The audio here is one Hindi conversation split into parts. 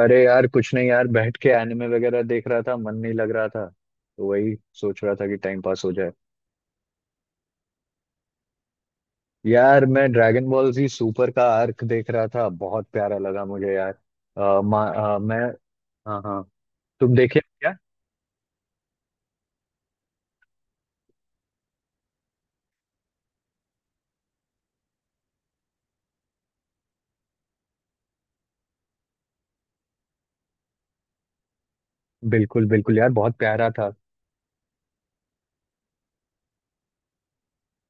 अरे यार, कुछ नहीं यार, बैठ के एनिमे वगैरह देख रहा था। मन नहीं लग रहा था तो वही सोच रहा था कि टाइम पास हो जाए। यार मैं ड्रैगन बॉल जी सुपर का आर्क देख रहा था, बहुत प्यारा लगा मुझे यार। मैं। हाँ हाँ। तुम देखे हो क्या? बिल्कुल बिल्कुल यार, बहुत प्यारा था।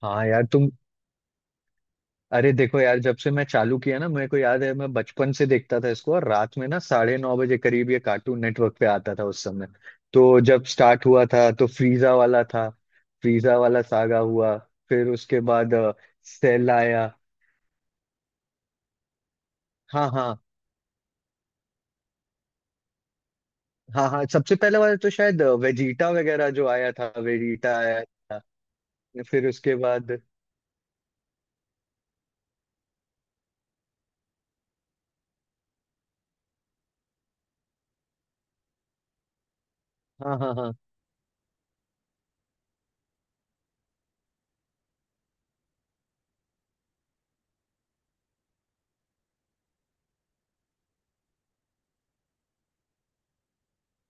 हाँ यार तुम। अरे देखो यार, जब से मैं चालू किया ना, मेरे को याद है मैं बचपन से देखता था इसको। और रात में ना 9:30 बजे करीब ये कार्टून नेटवर्क पे आता था उस समय। तो जब स्टार्ट हुआ था तो फ्रीजा वाला था। फ्रीजा वाला सागा हुआ। फिर उसके बाद सेल आया। हाँ हाँ हाँ हाँ। सबसे पहले वाला तो शायद वेजीटा वगैरह जो आया था, वेजीटा आया था फिर उसके बाद। हाँ हाँ हाँ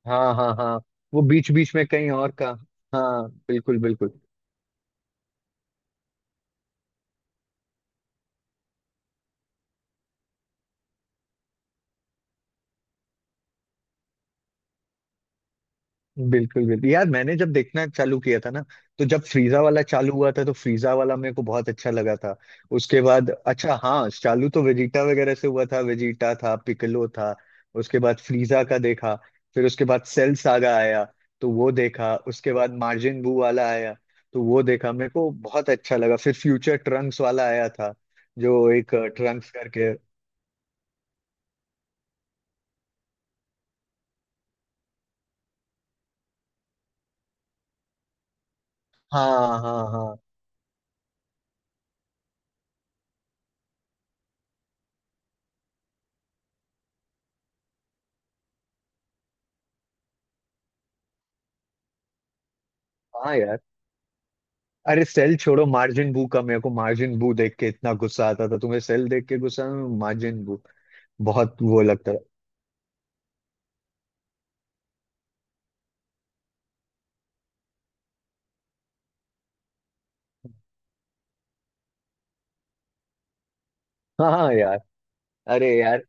हाँ हाँ हाँ। वो बीच बीच में कहीं और का। हाँ बिल्कुल बिल्कुल। बिल्कुल बिल्कुल यार, मैंने जब देखना चालू किया था ना, तो जब फ्रीजा वाला चालू हुआ था तो फ्रीजा वाला मेरे को बहुत अच्छा लगा था। उसके बाद अच्छा, हाँ चालू तो वेजिटा वगैरह से हुआ था, वेजिटा था, पिकलो था। उसके बाद फ्रीजा का देखा। फिर उसके बाद सेल सागा आया। तो वो देखा, उसके बाद मार्जिन बू वाला आया। तो वो देखा, मेरे को बहुत अच्छा लगा। फिर फ्यूचर ट्रंक्स वाला आया था, जो एक ट्रंक्स करके। हाँ हाँ हाँ, हाँ यार। अरे सेल छोड़ो, मार्जिन बू का, मेरे को मार्जिन बू देख के इतना गुस्सा आता था, तुम्हें सेल देख के गुस्सा। मार्जिन बू। बहुत वो लगता था। हाँ हाँ यार। अरे यार।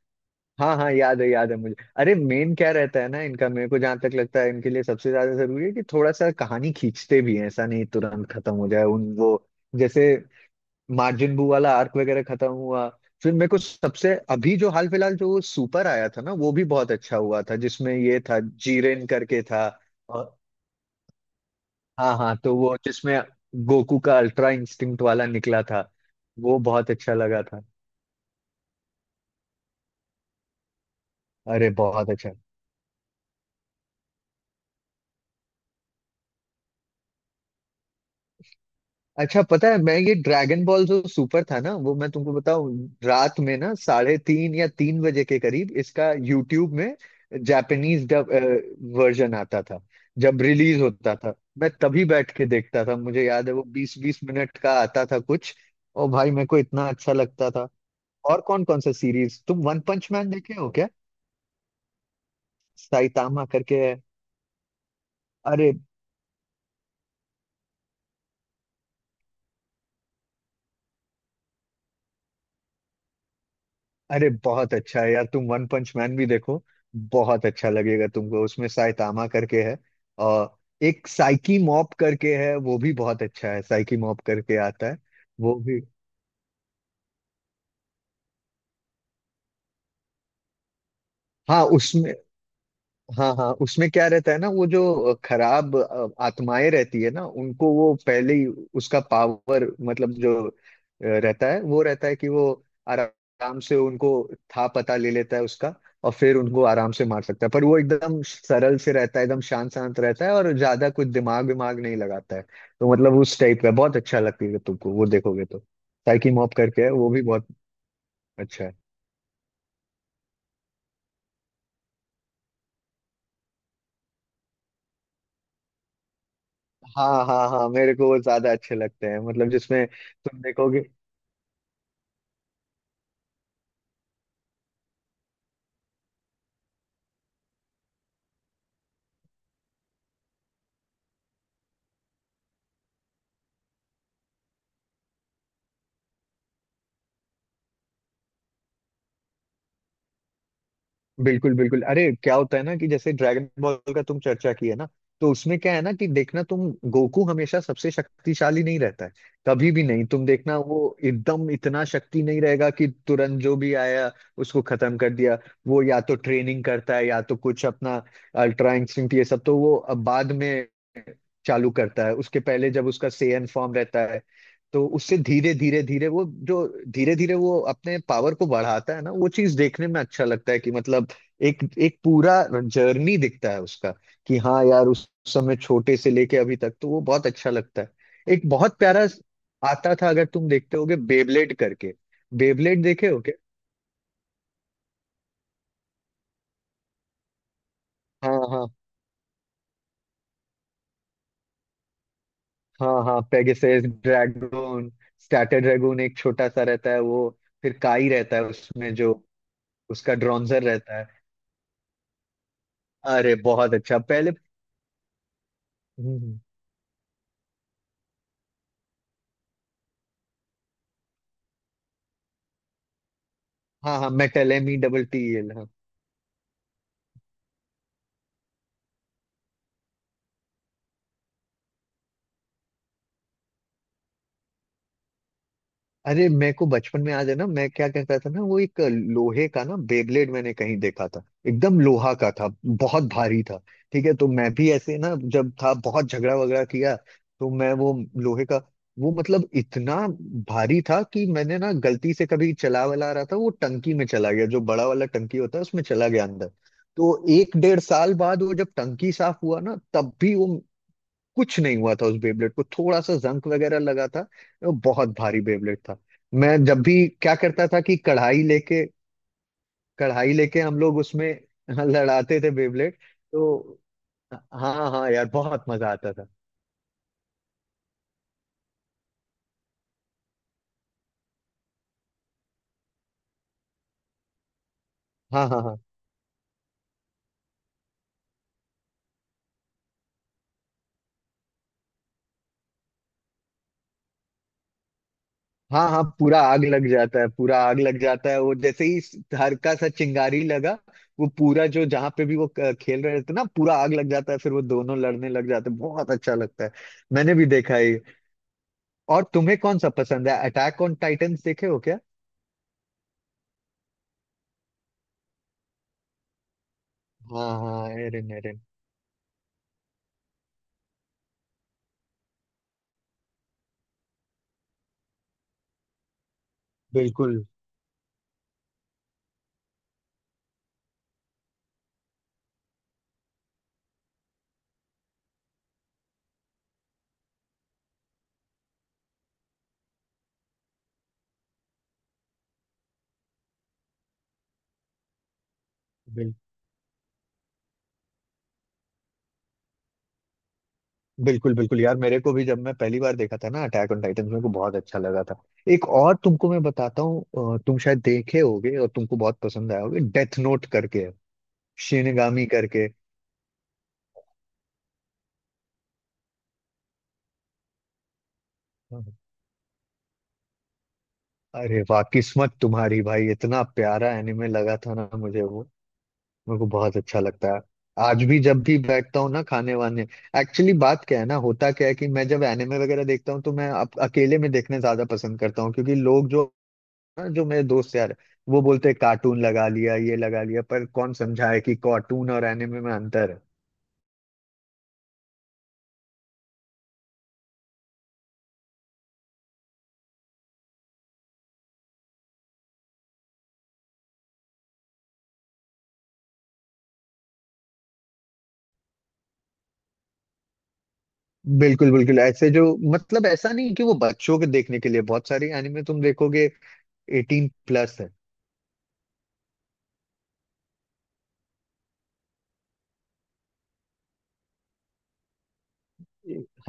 हाँ हाँ, याद है मुझे। अरे मेन क्या रहता है ना इनका, मेरे को जहां तक लगता है, इनके लिए सबसे ज्यादा जरूरी है कि थोड़ा सा कहानी खींचते भी हैं, ऐसा नहीं तुरंत खत्म हो जाए उन वो। जैसे मार्जिन बू वाला आर्क वगैरह खत्म हुआ। फिर मेरे को सबसे अभी जो हाल फिलहाल जो सुपर आया था ना, वो भी बहुत अच्छा हुआ था जिसमें ये था। जीरेन करके था। हाँ हाँ, तो वो जिसमें गोकू का अल्ट्रा इंस्टिंक्ट वाला निकला था, वो बहुत अच्छा लगा था। अरे बहुत अच्छा। अच्छा पता है, मैं ये ड्रैगन बॉल जो सुपर था ना, वो मैं तुमको बताऊं। रात में ना 3:30 या 3 बजे के करीब इसका यूट्यूब में जापानीज डब वर्जन आता था, जब रिलीज होता था। मैं तभी बैठ के देखता था, मुझे याद है वो 20-20 मिनट का आता था कुछ। और भाई मेरे को इतना अच्छा लगता था। और कौन कौन सा सीरीज, तुम वन पंच मैन देखे हो? साइतामा करके है। अरे। अरे बहुत अच्छा है यार, तुम वन पंच मैन भी देखो। बहुत अच्छा लगेगा तुमको, उसमें साइतामा करके है। और एक साइकी मॉप करके है, वो भी बहुत अच्छा है। साइकी मॉप करके आता है, वो भी। हाँ उसमें। हाँ हाँ, उसमें क्या रहता है ना, वो जो खराब आत्माएं रहती है ना, उनको वो पहले ही उसका पावर मतलब जो रहता है, वो रहता है कि वो आराम से उनको था पता ले लेता है उसका। और फिर उनको आराम से मार सकता है। पर वो एकदम सरल से रहता है, एकदम शांत शांत रहता है और ज्यादा कुछ दिमाग विमाग नहीं लगाता है। तो मतलब उस टाइप का बहुत अच्छा लगेगा तुमको, वो देखोगे तो। साइकी मॉप करके है, वो भी बहुत अच्छा है। हाँ हाँ हाँ, मेरे को वो ज्यादा अच्छे लगते हैं, मतलब जिसमें तुम देखोगे। बिल्कुल बिल्कुल, अरे क्या होता है ना कि जैसे ड्रैगन बॉल का तुम चर्चा की है ना, तो उसमें क्या है ना कि देखना, तुम गोकू हमेशा सबसे शक्तिशाली नहीं रहता है, कभी भी नहीं। तुम देखना, वो एकदम इतना शक्ति नहीं रहेगा कि तुरंत जो भी आया उसको खत्म कर दिया। वो या तो ट्रेनिंग करता है या तो कुछ अपना अल्ट्रा इंस्टिंक्ट, ये सब तो वो अब बाद में चालू करता है। उसके पहले जब उसका सेयन फॉर्म रहता है, तो उससे धीरे धीरे धीरे वो जो धीरे धीरे वो अपने पावर को बढ़ाता है ना, वो चीज देखने में अच्छा लगता है कि मतलब एक एक पूरा जर्नी दिखता है उसका, कि हाँ यार, उस समय छोटे से लेके अभी तक, तो वो बहुत अच्छा लगता है। एक बहुत प्यारा आता था, अगर तुम देखते होगे, बेबलेट करके। बेबलेट देखे हो क्या? हाँ हाँ हाँ हाँ, पेगासस ड्रैगन, स्टार्टर ड्रैगन एक छोटा सा रहता है वो। फिर काई रहता है उसमें, जो उसका ड्रॉन्जर रहता है। अरे बहुत अच्छा पहले। हम्म। हाँ हाँ, मेटल MTTL। अरे मेरे को बचपन में याद है ना, मैं क्या कहता था ना, वो एक लोहे का ना बेब्लेड मैंने कहीं देखा था। एकदम लोहा का था, बहुत भारी था। ठीक है, तो मैं भी ऐसे ना जब था, बहुत झगड़ा वगड़ा किया तो मैं वो लोहे का वो मतलब इतना भारी था, कि मैंने ना गलती से कभी चला वाला रहा था, वो टंकी में चला गया, जो बड़ा वाला टंकी होता है उसमें चला गया अंदर। तो एक डेढ़ साल बाद वो जब टंकी साफ हुआ ना, तब भी वो कुछ नहीं हुआ था उस बेबलेट को, थोड़ा सा जंग वगैरह लगा था। वो बहुत भारी बेबलेट था। मैं जब भी क्या करता था कि कढ़ाई लेके, कढ़ाई लेके हम लोग उसमें लड़ाते थे बेबलेट। तो हाँ हाँ यार, बहुत मजा आता था। हाँ हाँ हाँ हाँ हाँ, पूरा आग लग जाता है, पूरा आग लग जाता है वो जैसे ही हल्का सा चिंगारी लगा, वो पूरा जो जहाँ पे भी वो खेल रहे थे ना, पूरा आग लग जाता है। फिर वो दोनों लड़ने लग जाते हैं, बहुत अच्छा लगता है। मैंने भी देखा है। और तुम्हें कौन सा पसंद है? अटैक ऑन टाइटंस देखे हो क्या? हाँ हाँ, एरन एरन। बिल्कुल बिल, बिल्कुल बिल्कुल यार, मेरे को भी जब मैं पहली बार देखा था ना अटैक ऑन टाइटन, मेरे को बहुत अच्छा लगा था। एक और तुमको मैं बताता हूँ, तुम शायद देखे होगे और तुमको बहुत पसंद आया होगा, डेथ नोट करके है, शिनगामी करके। हाँ। अरे वाह, किस्मत तुम्हारी भाई, इतना प्यारा एनिमे लगा था ना मुझे वो, मेरे को बहुत अच्छा लगता है। आज भी जब भी बैठता हूँ ना खाने वाने। एक्चुअली बात क्या है ना, होता क्या है कि मैं जब एनिमे वगैरह देखता हूँ तो मैं अकेले में देखने ज्यादा पसंद करता हूँ, क्योंकि लोग जो ना, जो मेरे दोस्त यार, वो बोलते हैं कार्टून लगा लिया ये लगा लिया। पर कौन समझाए कि कार्टून और एनिमे में अंतर है। बिल्कुल बिल्कुल, ऐसे जो, मतलब ऐसा नहीं कि वो बच्चों के देखने के लिए, बहुत सारे एनिमे तुम देखोगे, 18+ है।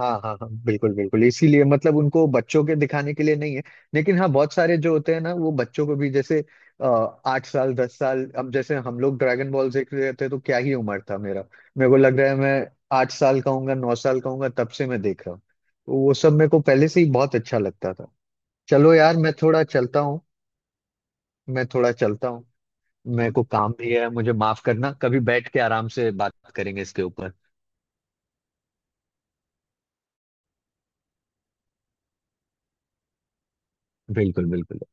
हाँ हाँ हाँ बिल्कुल बिल्कुल, इसीलिए मतलब उनको बच्चों के दिखाने के लिए नहीं है। लेकिन हाँ, बहुत सारे जो होते हैं ना, वो बच्चों को भी, जैसे अ, 8 साल 10 साल, अब जैसे हम लोग ड्रैगन बॉल देख रहे थे तो क्या ही उम्र था मेरा? मेरे को लग रहा है मैं 8 साल का हूँगा, 9 साल का हूँगा, तब से मैं देख रहा हूँ। तो वो सब मेरे को पहले से ही बहुत अच्छा लगता था। चलो यार, मैं थोड़ा चलता हूँ, मैं थोड़ा चलता हूँ। मेरे को काम भी है, मुझे माफ करना, कभी बैठ के आराम से बात करेंगे इसके ऊपर। बिल्कुल बिल्कुल।